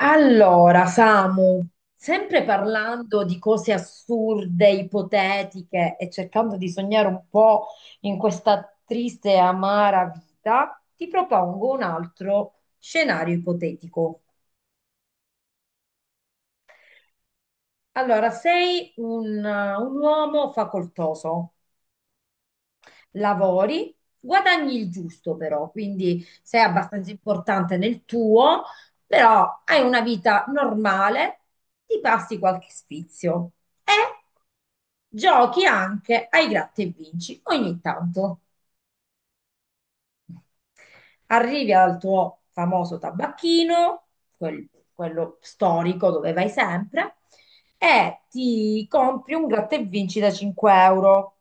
Allora, Samu, sempre parlando di cose assurde, ipotetiche e cercando di sognare un po' in questa triste e amara vita, ti propongo un altro scenario ipotetico. Allora, sei un uomo facoltoso, lavori, guadagni il giusto però, quindi sei abbastanza importante nel tuo, però hai una vita normale, ti passi qualche sfizio e giochi anche ai gratta e vinci ogni tanto. Arrivi al tuo famoso tabacchino, quel- quello storico dove vai sempre, e ti compri un gratta e vinci da 5 euro.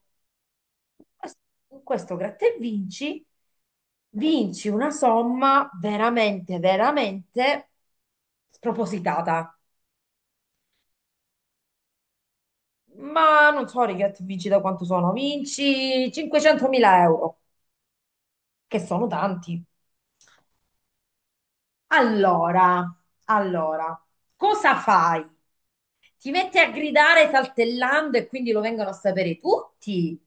Con questo gratta e vinci, vinci una somma veramente, veramente spropositata. Ma non so, i gratta e vinci da quanto sono, vinci 500.000 euro, che sono tanti. Allora, allora, cosa fai? Ti metti a gridare saltellando e quindi lo vengono a sapere tutti?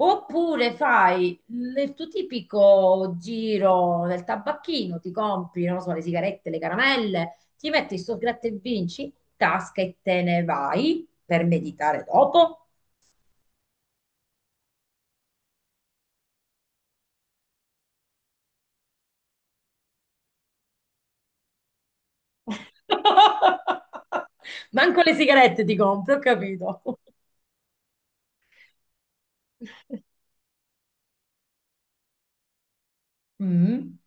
Oppure fai il tuo tipico giro del tabacchino, ti compri, non lo so, le sigarette, le caramelle, ti metti sto gratta e vinci in tasca e te ne vai per meditare dopo? Manco le sigarette ti compri, ho capito. Mm.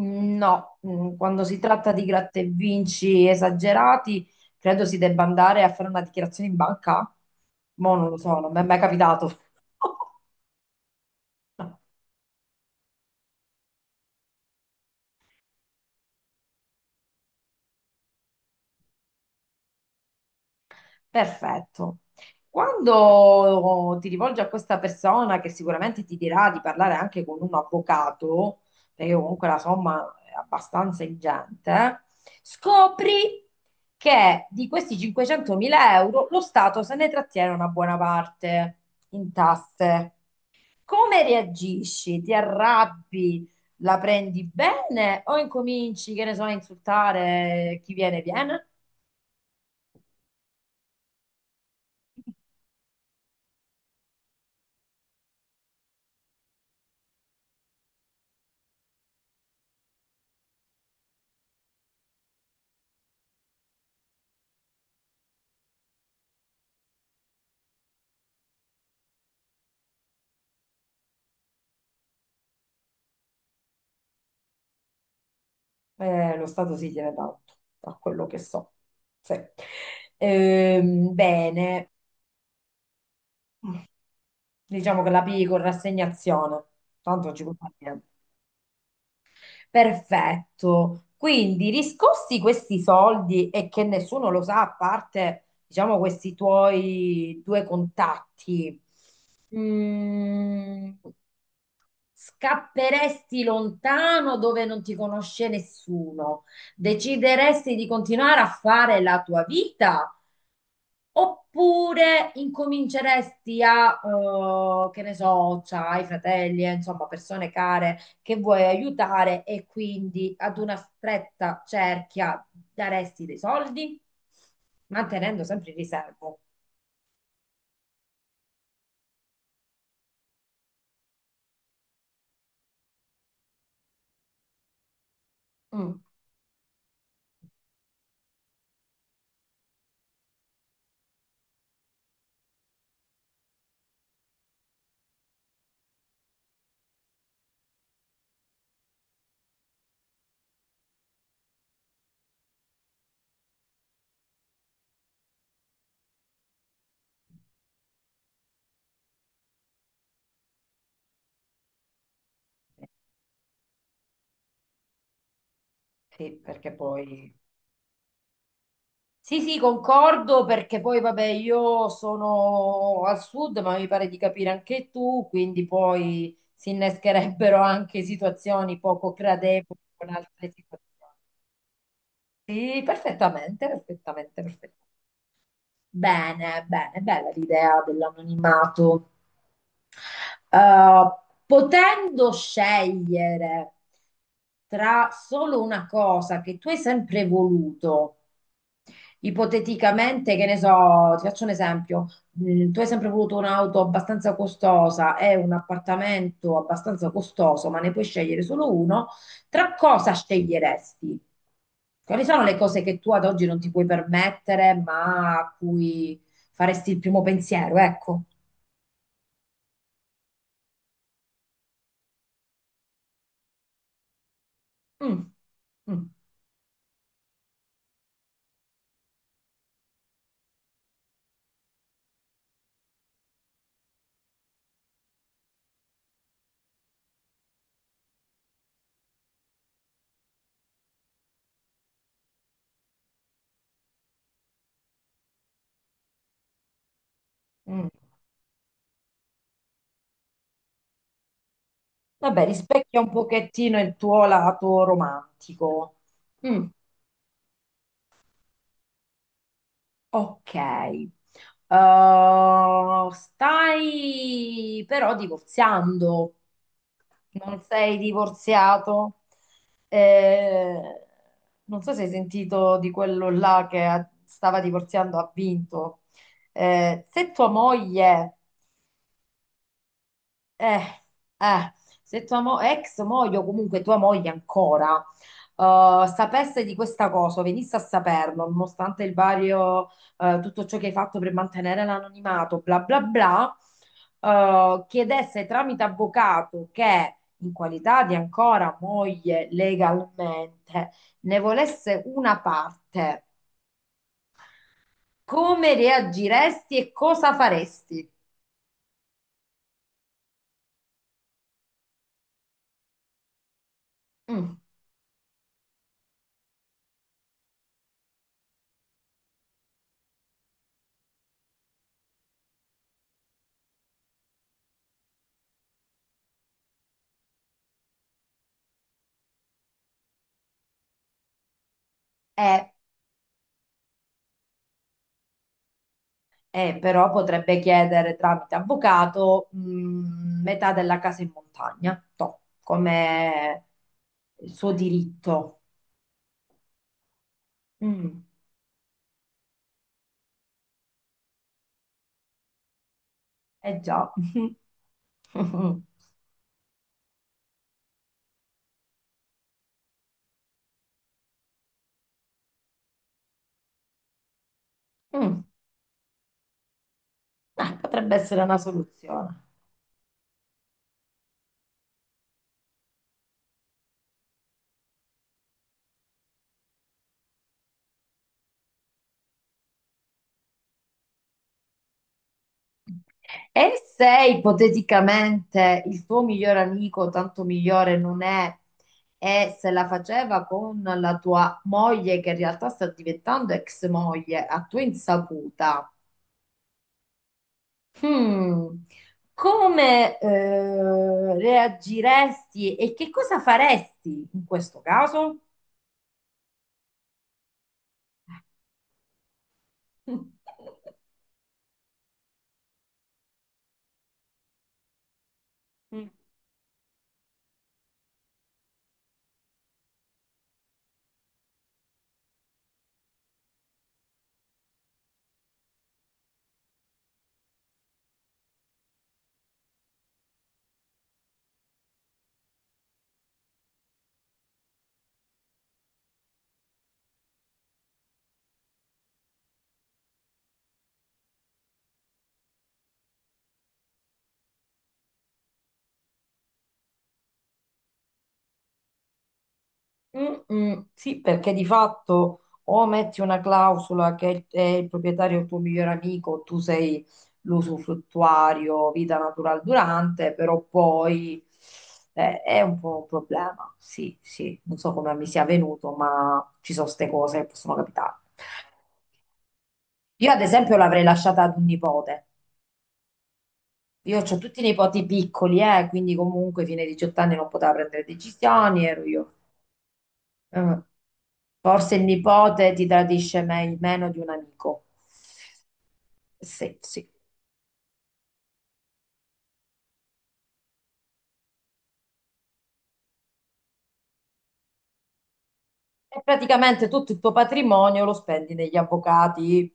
No, mm, quando si tratta di gratta e vinci esagerati, credo si debba andare a fare una dichiarazione in banca. Mo' non lo so, non mi è mai capitato. Perfetto. Quando ti rivolgi a questa persona che sicuramente ti dirà di parlare anche con un avvocato, perché comunque la somma è abbastanza ingente, scopri che di questi 500.000 euro lo Stato se ne trattiene una buona parte in tasse. Come reagisci? Ti arrabbi? La prendi bene o incominci, che ne so, a insultare chi viene? Lo Stato si tiene tanto, da quello che so. Sì. Bene, diciamo che la P con rassegnazione, tanto non ci può fare niente. Perfetto. Quindi riscossi questi soldi e che nessuno lo sa, a parte, diciamo, questi tuoi due contatti. Mm, scapperesti lontano dove non ti conosce nessuno? Decideresti di continuare a fare la tua vita? Oppure incominceresti a, che ne so, c'hai fratelli, insomma, persone care che vuoi aiutare e quindi ad una stretta cerchia daresti dei soldi, mantenendo sempre il riservo? Mm, sì, perché poi sì, sì, concordo perché poi, vabbè, io sono al sud, ma mi pare di capire anche tu, quindi poi si innescherebbero anche situazioni poco gradevoli con altre situazioni. Sì, perfettamente, perfettamente, perfettamente. Bene, bene, bella l'idea dell'anonimato. Eh, potendo scegliere tra solo una cosa che tu hai sempre voluto, ipoteticamente, che ne so, ti faccio un esempio. Mm, tu hai sempre voluto un'auto abbastanza costosa e un appartamento abbastanza costoso, ma ne puoi scegliere solo uno. Tra cosa sceglieresti? Quali sono le cose che tu ad oggi non ti puoi permettere, ma a cui faresti il primo pensiero? Ecco. Mm, mm, mm. Vabbè, rispecchia un pochettino il tuo lato romantico. Mm. Ok. Stai però divorziando, non sei divorziato. Eh, non so se hai sentito di quello là che stava divorziando, ha vinto. Se tua moglie, Eh, eh, se tua ex moglie o comunque tua moglie ancora, sapesse di questa cosa, venisse a saperlo, nonostante il vario, tutto ciò che hai fatto per mantenere l'anonimato, bla bla bla, chiedesse tramite avvocato che in qualità di ancora moglie legalmente ne volesse una parte, come reagiresti e cosa faresti? Mm, eh. Però potrebbe chiedere tramite avvocato, metà della casa in montagna, toh, come il suo diritto. Mm, eh già. Mm, potrebbe essere una soluzione. E se ipoteticamente il tuo migliore amico, tanto migliore non è, e se la faceva con la tua moglie, che in realtà sta diventando ex moglie, a tua insaputa. Mm. Come, reagiresti e che cosa faresti in questo caso? Mm. Mm, mm, sì, perché di fatto o metti una clausola che è il proprietario il tuo migliore amico, tu sei l'usufruttuario, vita natural durante, però poi, è un po' un problema. Sì, sì, non so come mi sia venuto, ma ci sono queste cose che possono capitare. Io ad esempio l'avrei lasciata ad un nipote. Io ho tutti i nipoti piccoli, quindi comunque fine 18 anni non poteva prendere decisioni, ero io. Eh, Forse il nipote ti tradisce meno di un amico. Sì, sì. E praticamente tutto il tuo patrimonio lo spendi negli avvocati.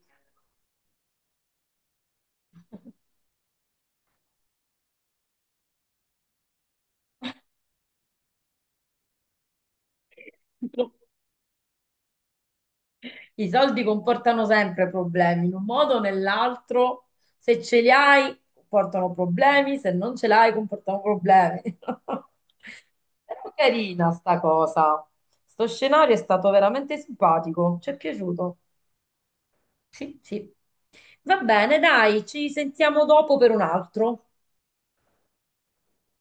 I soldi comportano sempre problemi, in un modo o nell'altro. Se ce li hai, comportano problemi, se non ce l'hai, comportano problemi. Però carina sta cosa. Sto scenario è stato veramente simpatico, ci è piaciuto. Sì, sì. Va bene, dai, ci sentiamo dopo per un altro.